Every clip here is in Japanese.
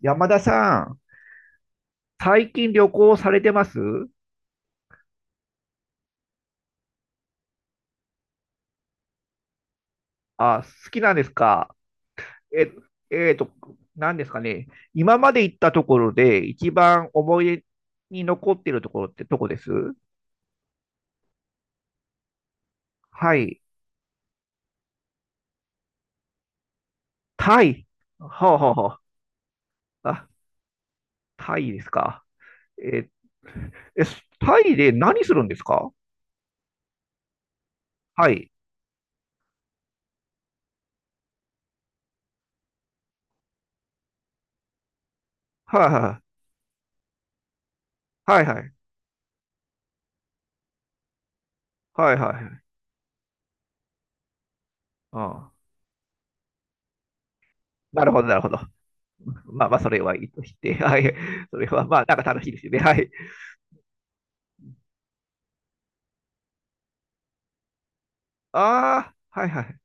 山田さん、最近旅行されてます？好きなんですか？え、えーと、何ですかね。今まで行ったところで一番思い出に残っているところってどこです？はい。タイ。はあ、はあはあ、タイですか。え、え、タイで何するんですか？はい。はいはい。はいはい。はいはい。ああ、なるほど、なるほど。まあまあ、それはいいとして。はい。それはまあ、なんか楽しいですよね。はい。ああ、はいはい。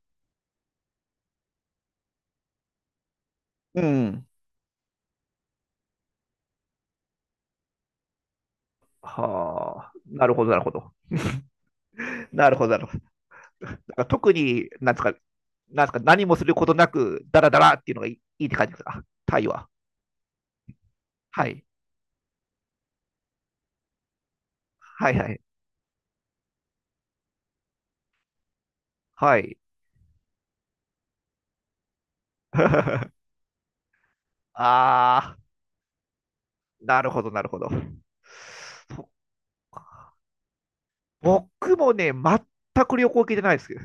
うん。はあ、なるほど、なるほど。なるほど、なるほど。だから特に、なんですか、何もすることなく、ダラダラっていうのがいい、いいって感じですか、タイは。はい。はいはい。はい。ああ、なるほど、なるほど。そっか。僕もね、全く旅行行けてないですけど、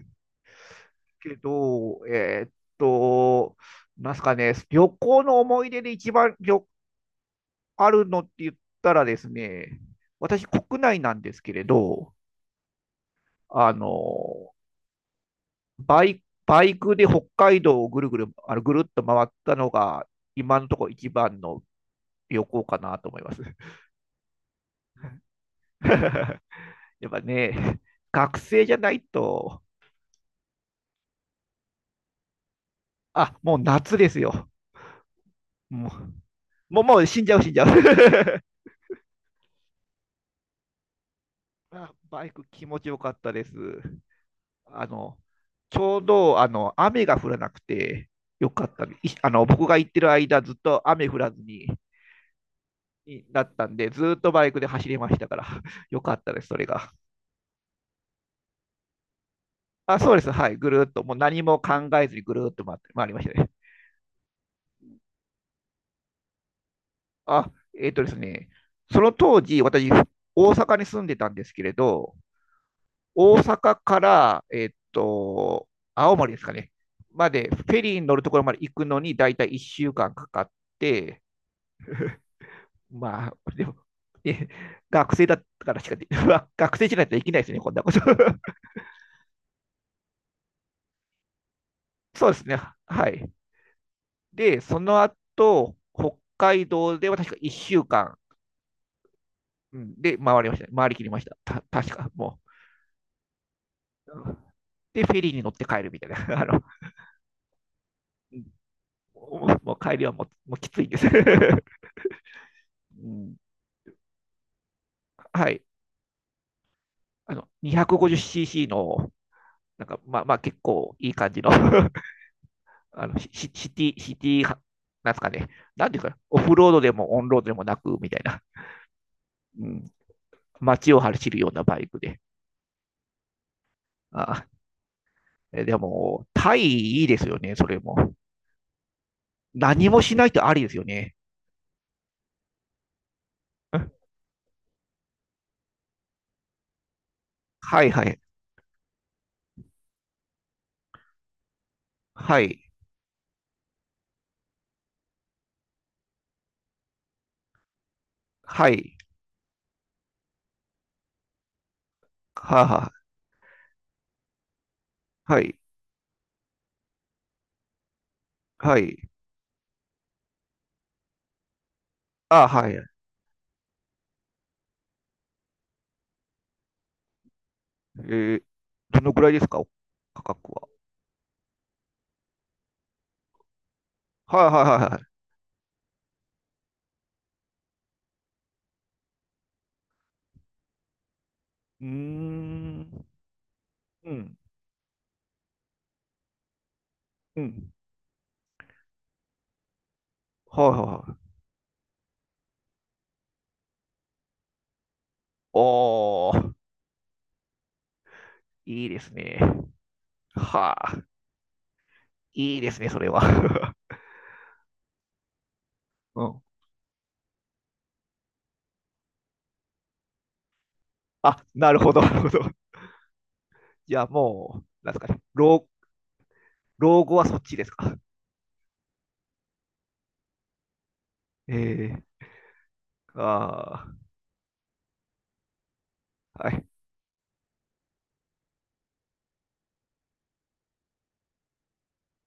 けどえーっと、なんすかね、旅行の思い出で一番旅あるのって言ったらですね、私、国内なんですけれど、あの、バイクで北海道をぐるぐる、あのぐるっと回ったのが、今のところ一番の旅行かなと思います。やっぱね、学生じゃないと、あ、もう夏ですよ。もう、もう、もう死んじゃう、死んじゃう。バイク気持ちよかったです。あの、ちょうど、あの、雨が降らなくてよかったね。あの、僕が行ってる間、ずっと雨降らずに、になったんで、ずーっとバイクで走れましたから、よかったです、それが。あ、そうです、はい、ぐるーっと、もう何も考えずにぐるーっと回って、回りましたね。あ、えっとですね、その当時、私、大阪に住んでたんですけれど、大阪から、青森ですかね、まで、フェリーに乗るところまで行くのに、だいたい1週間かんかかって、まあ、でも、え学生だったからしかで、学生じゃないとできないですね、こんなこと。そうですね、はい。で、その後、北海道では確か1週間うかんで回りましたね、回りきりました、た確か、もう。で、フェリーに乗って帰るみたいな、あのもう帰りはもうきついんです。うん。はい、あの 250cc の、なんか、まあまあ結構いい感じのあの、シティは、なんですかね、なんていうか、オフロードでもオンロードでもなく、みたいな、うん、街を走るようなバイクで。あでも、タイいいですよね、それも。何もしないとありですよね。はいはい、はい、はい、はは、はい、はい、ああはい。ーどのくらいですか、価格は。はいはいはいはい。うーん、うん、うん。はいはいはい。おー、いいですね。はあ。いいですね、それは。うん。あ、なるほど、なるほど。じゃあもう、なんですかね。老後はそっちですか？ええーああ、はい。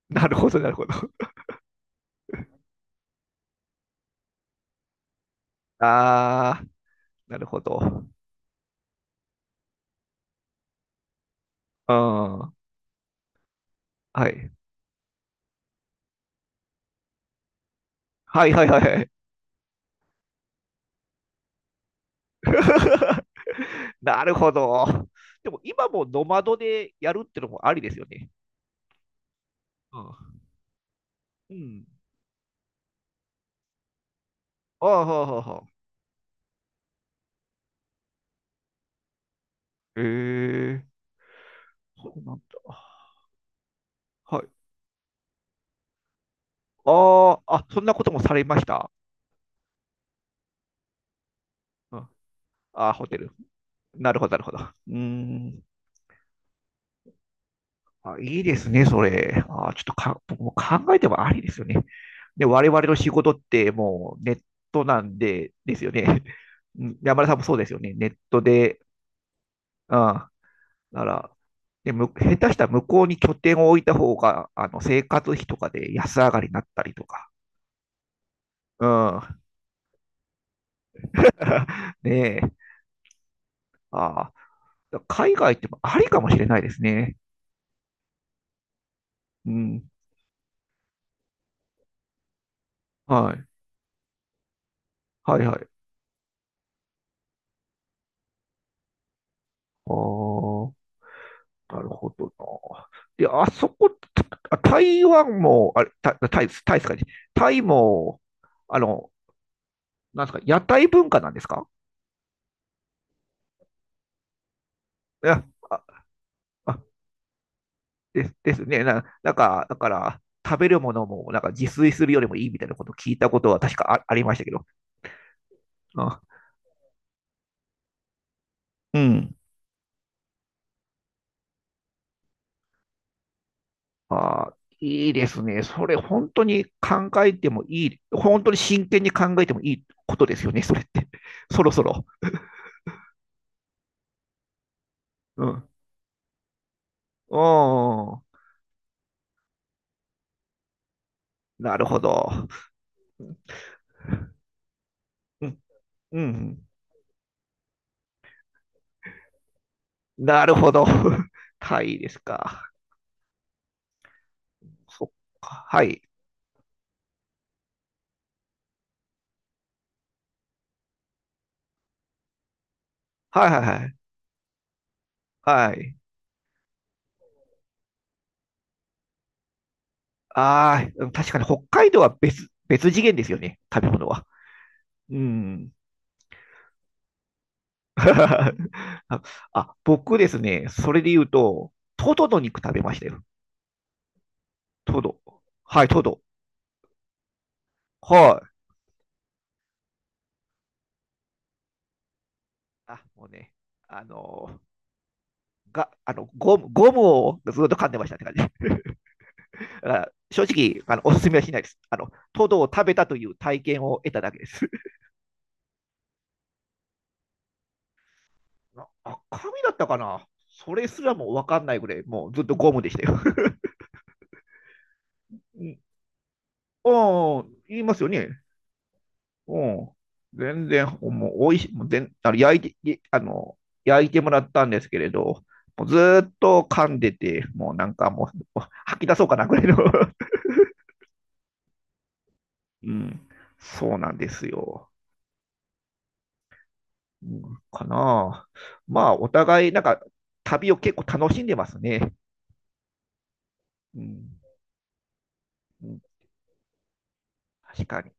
なるほど、なるほど。ああ、なるほど。うん。はい。はいはいはいはい。なるほど。でも今もノマドでやるってのもありですよね。うん。うん。ああ、はあ、はあ、はあ。ええそうなんだ。はい。ああ、あ、そんなこともされました？うん。ああ、ホテル。なるほど、なるほど。うーん。あ、いいですね、それ。あ、ちょっとか、僕も考えてもありですよね。で、我々の仕事ってもうネットなんで、ですよね。うん。山田さんもそうですよね。ネットで、うん。なら、で、下手したら向こうに拠点を置いた方が、あの、生活費とかで安上がりになったりとか。うん。ねえ。ああ、海外ってもありかもしれないですね。うん。はい。はいはい。ああ。なるほどな。で、あそこ、台湾も、あれ、タイですタイですかね。タイも、あの、なんですか、屋台文化なんですか？いや、あ、あ、ですね。なんか、だから、食べるものも、なんか自炊するよりもいいみたいなことを聞いたことは確かありましたけど。あ、うん。あー、いいですね。それ、本当に考えてもいい、本当に真剣に考えてもいいことですよね、それって。そろそろ。うん。うん。なるほど。うん、うん。なるほど。タイですか。そっか。はい。はいはいはい。はい。ああ、うん。確かに北海道は別次元ですよね。食べ物は。うん。あ、僕ですね、それで言うと、トドの肉食べましたよ。トド。はい、トド。はい。あ、もうね、あのあの、ゴムをずっと噛んでましたって感じ。だから正直、あの、おすすめはしないです。あの、トドを食べたという体験を得ただけです。赤身だったかなそれすらも分かんないぐらい、もうずっとゴムでしたよ。うん、言いますよね。うん。全然、もう、おいしい、もう全、あの、焼いて、いあの、焼いてもらったんですけれど、もうずーっと噛んでて、もうなんかもう、吐き出そうかなぐらいの。うん。そうなんですよ。うん、かなあ。まあ、お互い、なんか、旅を結構楽しんでますね。うん。うん確かに。